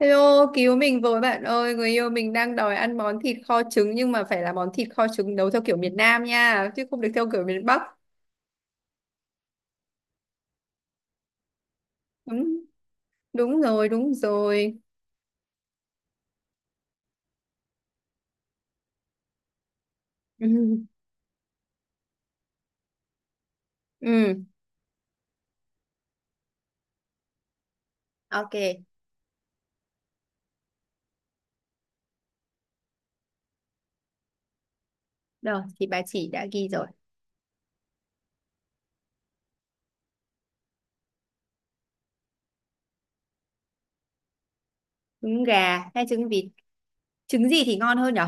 Hello, cứu mình với bạn ơi, người yêu mình đang đòi ăn món thịt kho trứng nhưng mà phải là món thịt kho trứng nấu theo kiểu miền Nam nha, chứ không được theo kiểu miền Bắc. Đúng, đúng rồi, đúng rồi. Ừ, ừ, ok. Rồi, thì bà chỉ đã ghi rồi. Trứng gà hay trứng vịt? Trứng gì thì ngon hơn nhở?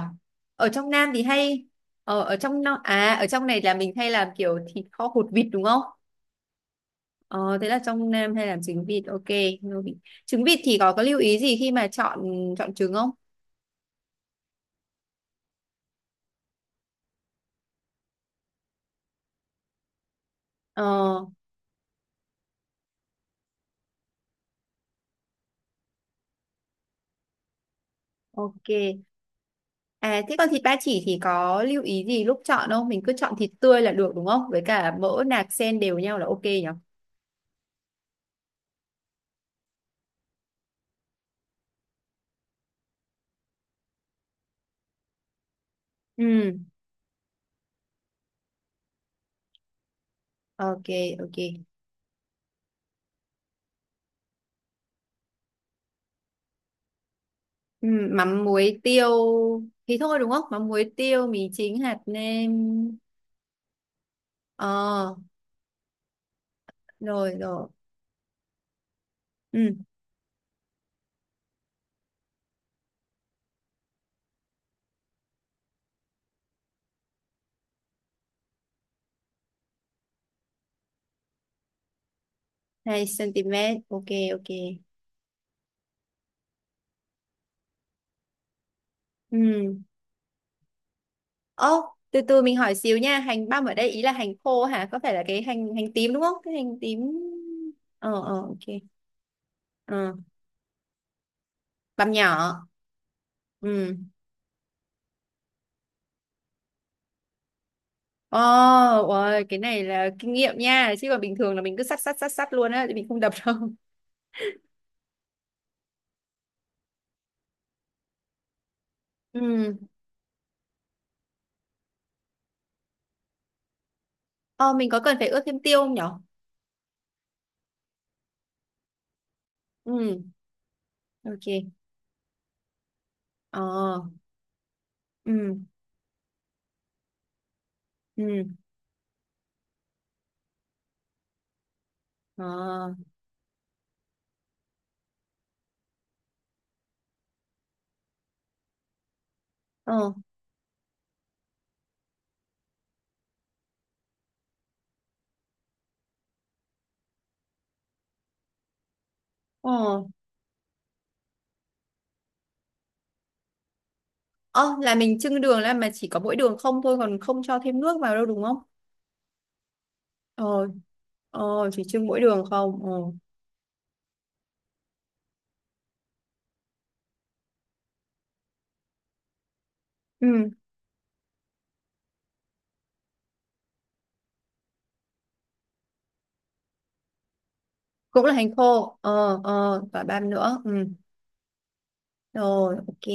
Ở trong Nam thì hay, ở trong này là mình hay làm kiểu thịt kho hột vịt đúng không? Ờ, thế là trong Nam hay làm trứng vịt, ok. Trứng vịt thì có lưu ý gì khi mà chọn chọn trứng không? Ờ Ok. À, thế còn thịt ba chỉ thì có lưu ý gì lúc chọn không? Mình cứ chọn thịt tươi là được đúng không? Với cả mỡ nạc xen đều nhau là ok nhỉ? Ừ, ok, ok. Ừ, mắm muối tiêu thì thôi đúng không? Mắm muối tiêu, mì chính, hạt nêm. Ờ, rồi rồi. Ừ, 2 cm. Ok, ok. Ừ. Ô, từ từ mình hỏi xíu nha. Hành băm ở đây ý là hành khô hả? Có phải là cái hành hành tím đúng không? Cái hành tím. Ờ, ờ, ok. Ờ. Bằm nhỏ. Ừ. Ồ, ôi, cái này là kinh nghiệm nha, chứ còn bình thường là mình cứ sắt sắt sắt sắt luôn á, thì mình không đập đâu. Ừ. Ờ, mình có cần phải ướp thêm tiêu không nhở? Ừ, ok. Ờ. Ừ. Ừ. ờ ờ. Ờ. Ờ, là mình chưng đường, là mà chỉ có mỗi đường không thôi, còn không cho thêm nước vào đâu, đúng không? Ờ. Ờ, chỉ trưng mỗi đường không. Ờ. Ừ, cũng là hành khô. Ờ, ờ, và băm nữa. Ừ. Rồi, ok.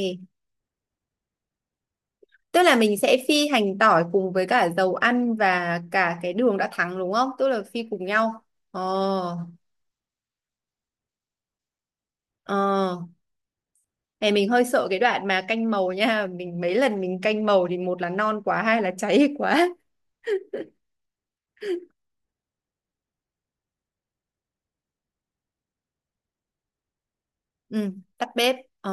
Tức là mình sẽ phi hành tỏi cùng với cả dầu ăn và cả cái đường đã thắng đúng không? Tức là phi cùng nhau. Ờ, ờ. Này mình hơi sợ cái đoạn mà canh màu nha. Mình mấy lần mình canh màu thì một là non quá, hai là cháy quá. Ừ, tắt bếp. Ờ,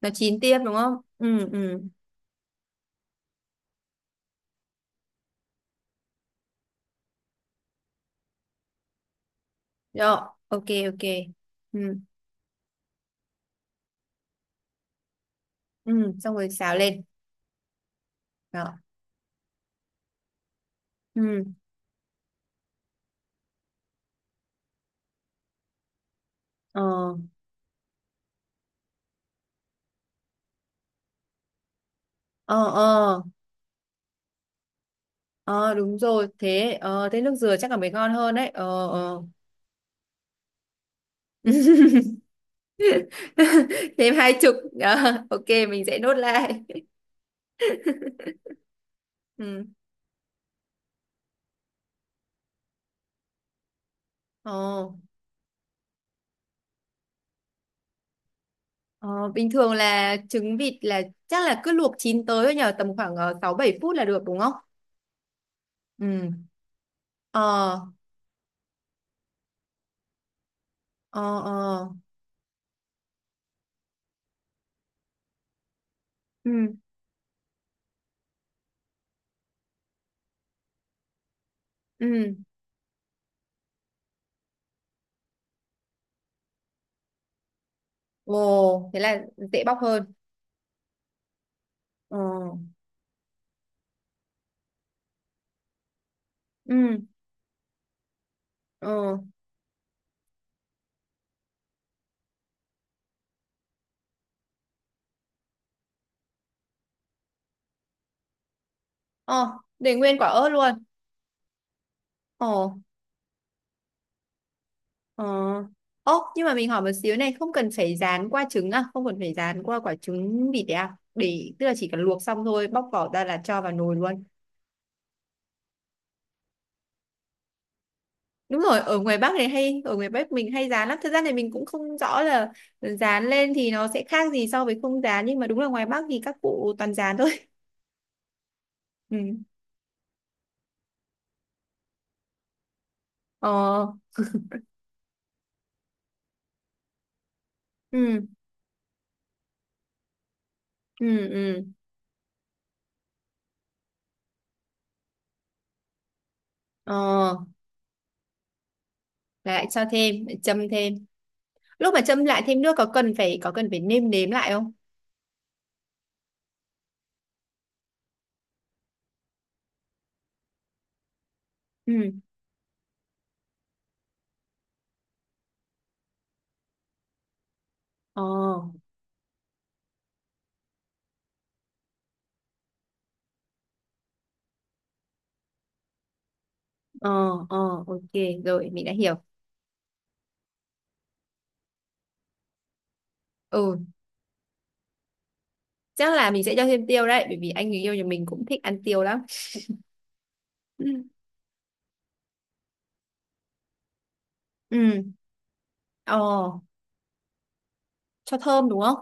nó chín tiếp đúng không? Ừ, ừ. Rồi, ok, ok. Ừ, ừ, xong rồi xào lên. Đó. Ừ, ờ, ờ, ờ, ờ, đúng rồi. Thế nước dừa chắc là mới ngon hơn đấy. Ờ, ờ. Thêm 20. Ờ, ok, mình sẽ nốt lại. Ừ. Ồ, ờ, bình thường là trứng vịt là chắc là cứ luộc chín tới thôi nhờ, tầm khoảng sáu bảy phút là được đúng không? Ừ. Ờ. Ờ. Ờ. Ừ. Ừ. Ồ, thế là dễ bóc hơn. Ờ. Ừ. Ờ. Ờ, để nguyên quả ớt luôn. Ờ. Ờ. Ồ, nhưng mà mình hỏi một xíu này, không cần phải rán qua trứng à? Không cần phải rán qua quả trứng vịt đấy à? Để, tức là chỉ cần luộc xong thôi, bóc vỏ ra là cho vào nồi luôn. Đúng rồi, ở ngoài Bắc mình hay dán lắm, thật ra thì mình cũng không rõ là dán lên thì nó sẽ khác gì so với không dán, nhưng mà đúng là ngoài Bắc thì các cụ toàn dán thôi. Ừ. Ờ. Ừ. Ừ. Ừ. Ờ, lại cho thêm, lại châm thêm. Lúc mà châm lại thêm nước có cần phải nêm nếm lại không? Ừ. Ờ. Ờ. Ờ, ok. Rồi mình đã hiểu. Ừ. Chắc là mình sẽ cho thêm tiêu đấy, bởi vì anh người yêu nhà mình cũng thích ăn tiêu lắm. Ừ. Ừ. Ờ, cho thơm đúng không?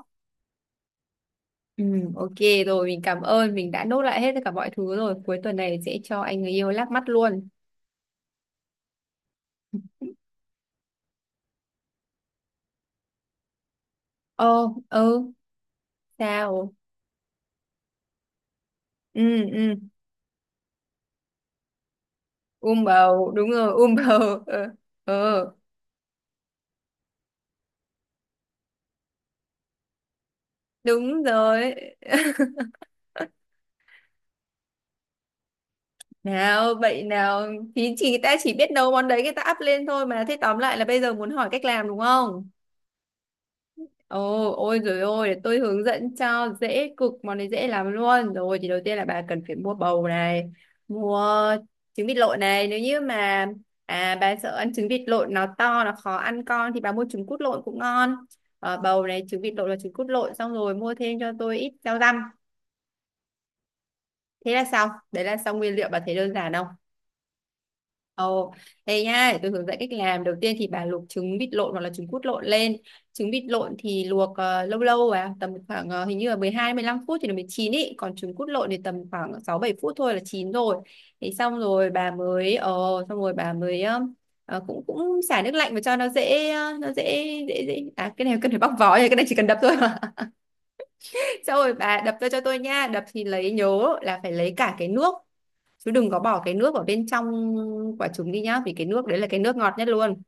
Ừ, ok, rồi mình cảm ơn, mình đã nốt lại hết tất cả mọi thứ rồi, cuối tuần này sẽ cho anh người yêu lắc mắt luôn. Ồ. Ừ. Sao? Ừ. Ừ, bầu đúng rồi, bầu. Ừ, ừ, đúng rồi. Nào vậy, nào? Thì chỉ ta chỉ biết nấu món đấy, người ta up lên thôi mà. Thế tóm lại là bây giờ muốn hỏi cách làm đúng không? Ồ, ôi rồi ôi, để tôi hướng dẫn cho dễ cực, món này dễ lắm luôn. Rồi thì đầu tiên là bà cần phải mua bầu này, mua trứng vịt lộn này. Nếu như mà bà sợ ăn trứng vịt lộn nó to, nó khó ăn con thì bà mua trứng cút lộn cũng ngon. Ờ, bầu này, trứng vịt lộn và trứng cút lộn, xong rồi mua thêm cho tôi ít rau răm. Thế là xong. Đấy là xong nguyên liệu, bà thấy đơn giản không? Ồ, đây nha, để tôi hướng dẫn cách làm. Đầu tiên thì bà luộc trứng vịt lộn hoặc là trứng cút lộn lên. Trứng vịt lộn thì luộc lâu lâu, tầm khoảng hình như là 12, mười 15 phút thì nó mới chín ý, còn trứng cút lộn thì tầm khoảng 6 7 phút thôi là chín rồi. Thế xong rồi bà mới xong rồi bà mới ờ, cũng cũng xả nước lạnh và cho nó dễ ờ, nó dễ dễ dễ à cái này cần phải bóc vỏ rồi, cái này chỉ cần đập thôi mà. Xong rồi bà đập ra cho tôi nha. Đập thì lấy, nhớ là phải lấy cả cái nước, chứ đừng có bỏ cái nước ở bên trong quả trứng đi nhá, vì cái nước đấy là cái nước ngọt nhất luôn.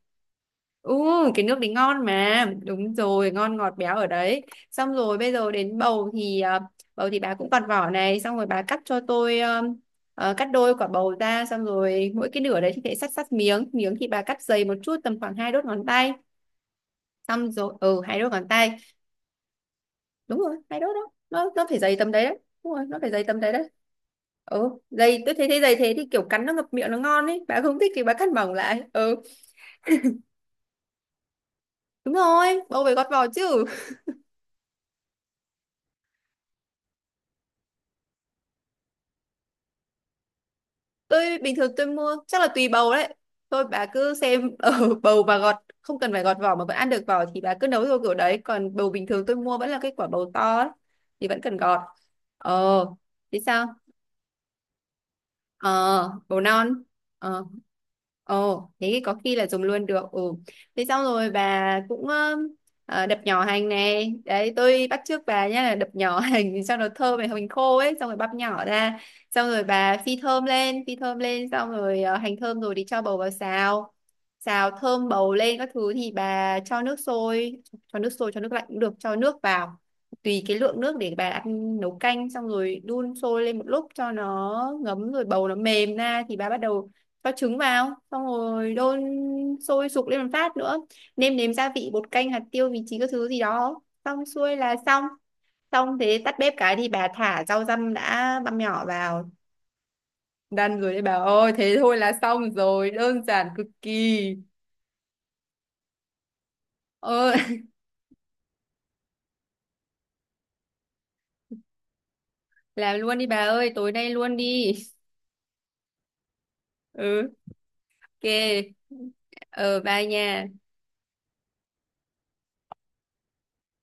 Ừ, cái nước đấy ngon mà, đúng rồi, ngon, ngọt, béo ở đấy. Xong rồi bây giờ đến bầu thì bà cũng còn vỏ này, xong rồi bà cắt cho tôi cắt đôi quả bầu ra, xong rồi mỗi cái nửa đấy thì phải cắt cắt miếng miếng, thì bà cắt dày một chút tầm khoảng hai đốt ngón tay. Xong rồi, ừ, hai đốt ngón tay. Đúng rồi, hai đốt, đó nó phải dày tầm đấy đấy. Đúng rồi, nó phải dày tầm đấy đấy. Ừ dày, tôi thấy thế, dày thế thì kiểu cắn nó ngập miệng nó ngon ấy, bà không thích thì bà cắt mỏng lại. Ừ. Đúng rồi, bầu phải gọt vỏ chứ. Tôi bình thường tôi mua chắc là tùy bầu đấy. Thôi bà cứ xem ở bầu bà gọt. Không cần phải gọt vỏ mà vẫn ăn được vỏ thì bà cứ nấu theo kiểu đấy, còn bầu bình thường tôi mua vẫn là cái quả bầu to ấy, thì vẫn cần gọt. Ờ, thế sao? Ờ, bổ non. Ờ. Ồ, thế thì có khi là dùng luôn được. Ừ. Thế xong rồi bà cũng đập nhỏ hành này đấy, tôi bắt chước bà nhá, là đập nhỏ hành cho nó thơm này, hành khô ấy, xong rồi băm nhỏ ra. Xong rồi bà phi thơm lên, xong rồi hành thơm rồi thì cho bầu vào xào. Xào thơm bầu lên các thứ thì bà cho nước sôi. Cho nước sôi, cho nước lạnh cũng được, cho nước vào tùy cái lượng nước để bà ăn nấu canh, xong rồi đun sôi lên một lúc cho nó ngấm, rồi bầu nó mềm ra thì bà bắt đầu cho trứng vào, xong rồi đun sôi sục lên một phát nữa, nêm nếm gia vị, bột canh, hạt tiêu, vị trí các thứ gì đó, xong xuôi là xong. Xong thế tắt bếp cái thì bà thả rau răm đã băm nhỏ vào. Đan rồi đấy bà ơi, thế thôi là xong rồi, đơn giản cực kỳ. Ờ, làm luôn đi bà ơi, tối nay luôn đi. Ừ, ok. Ờ, bye nha.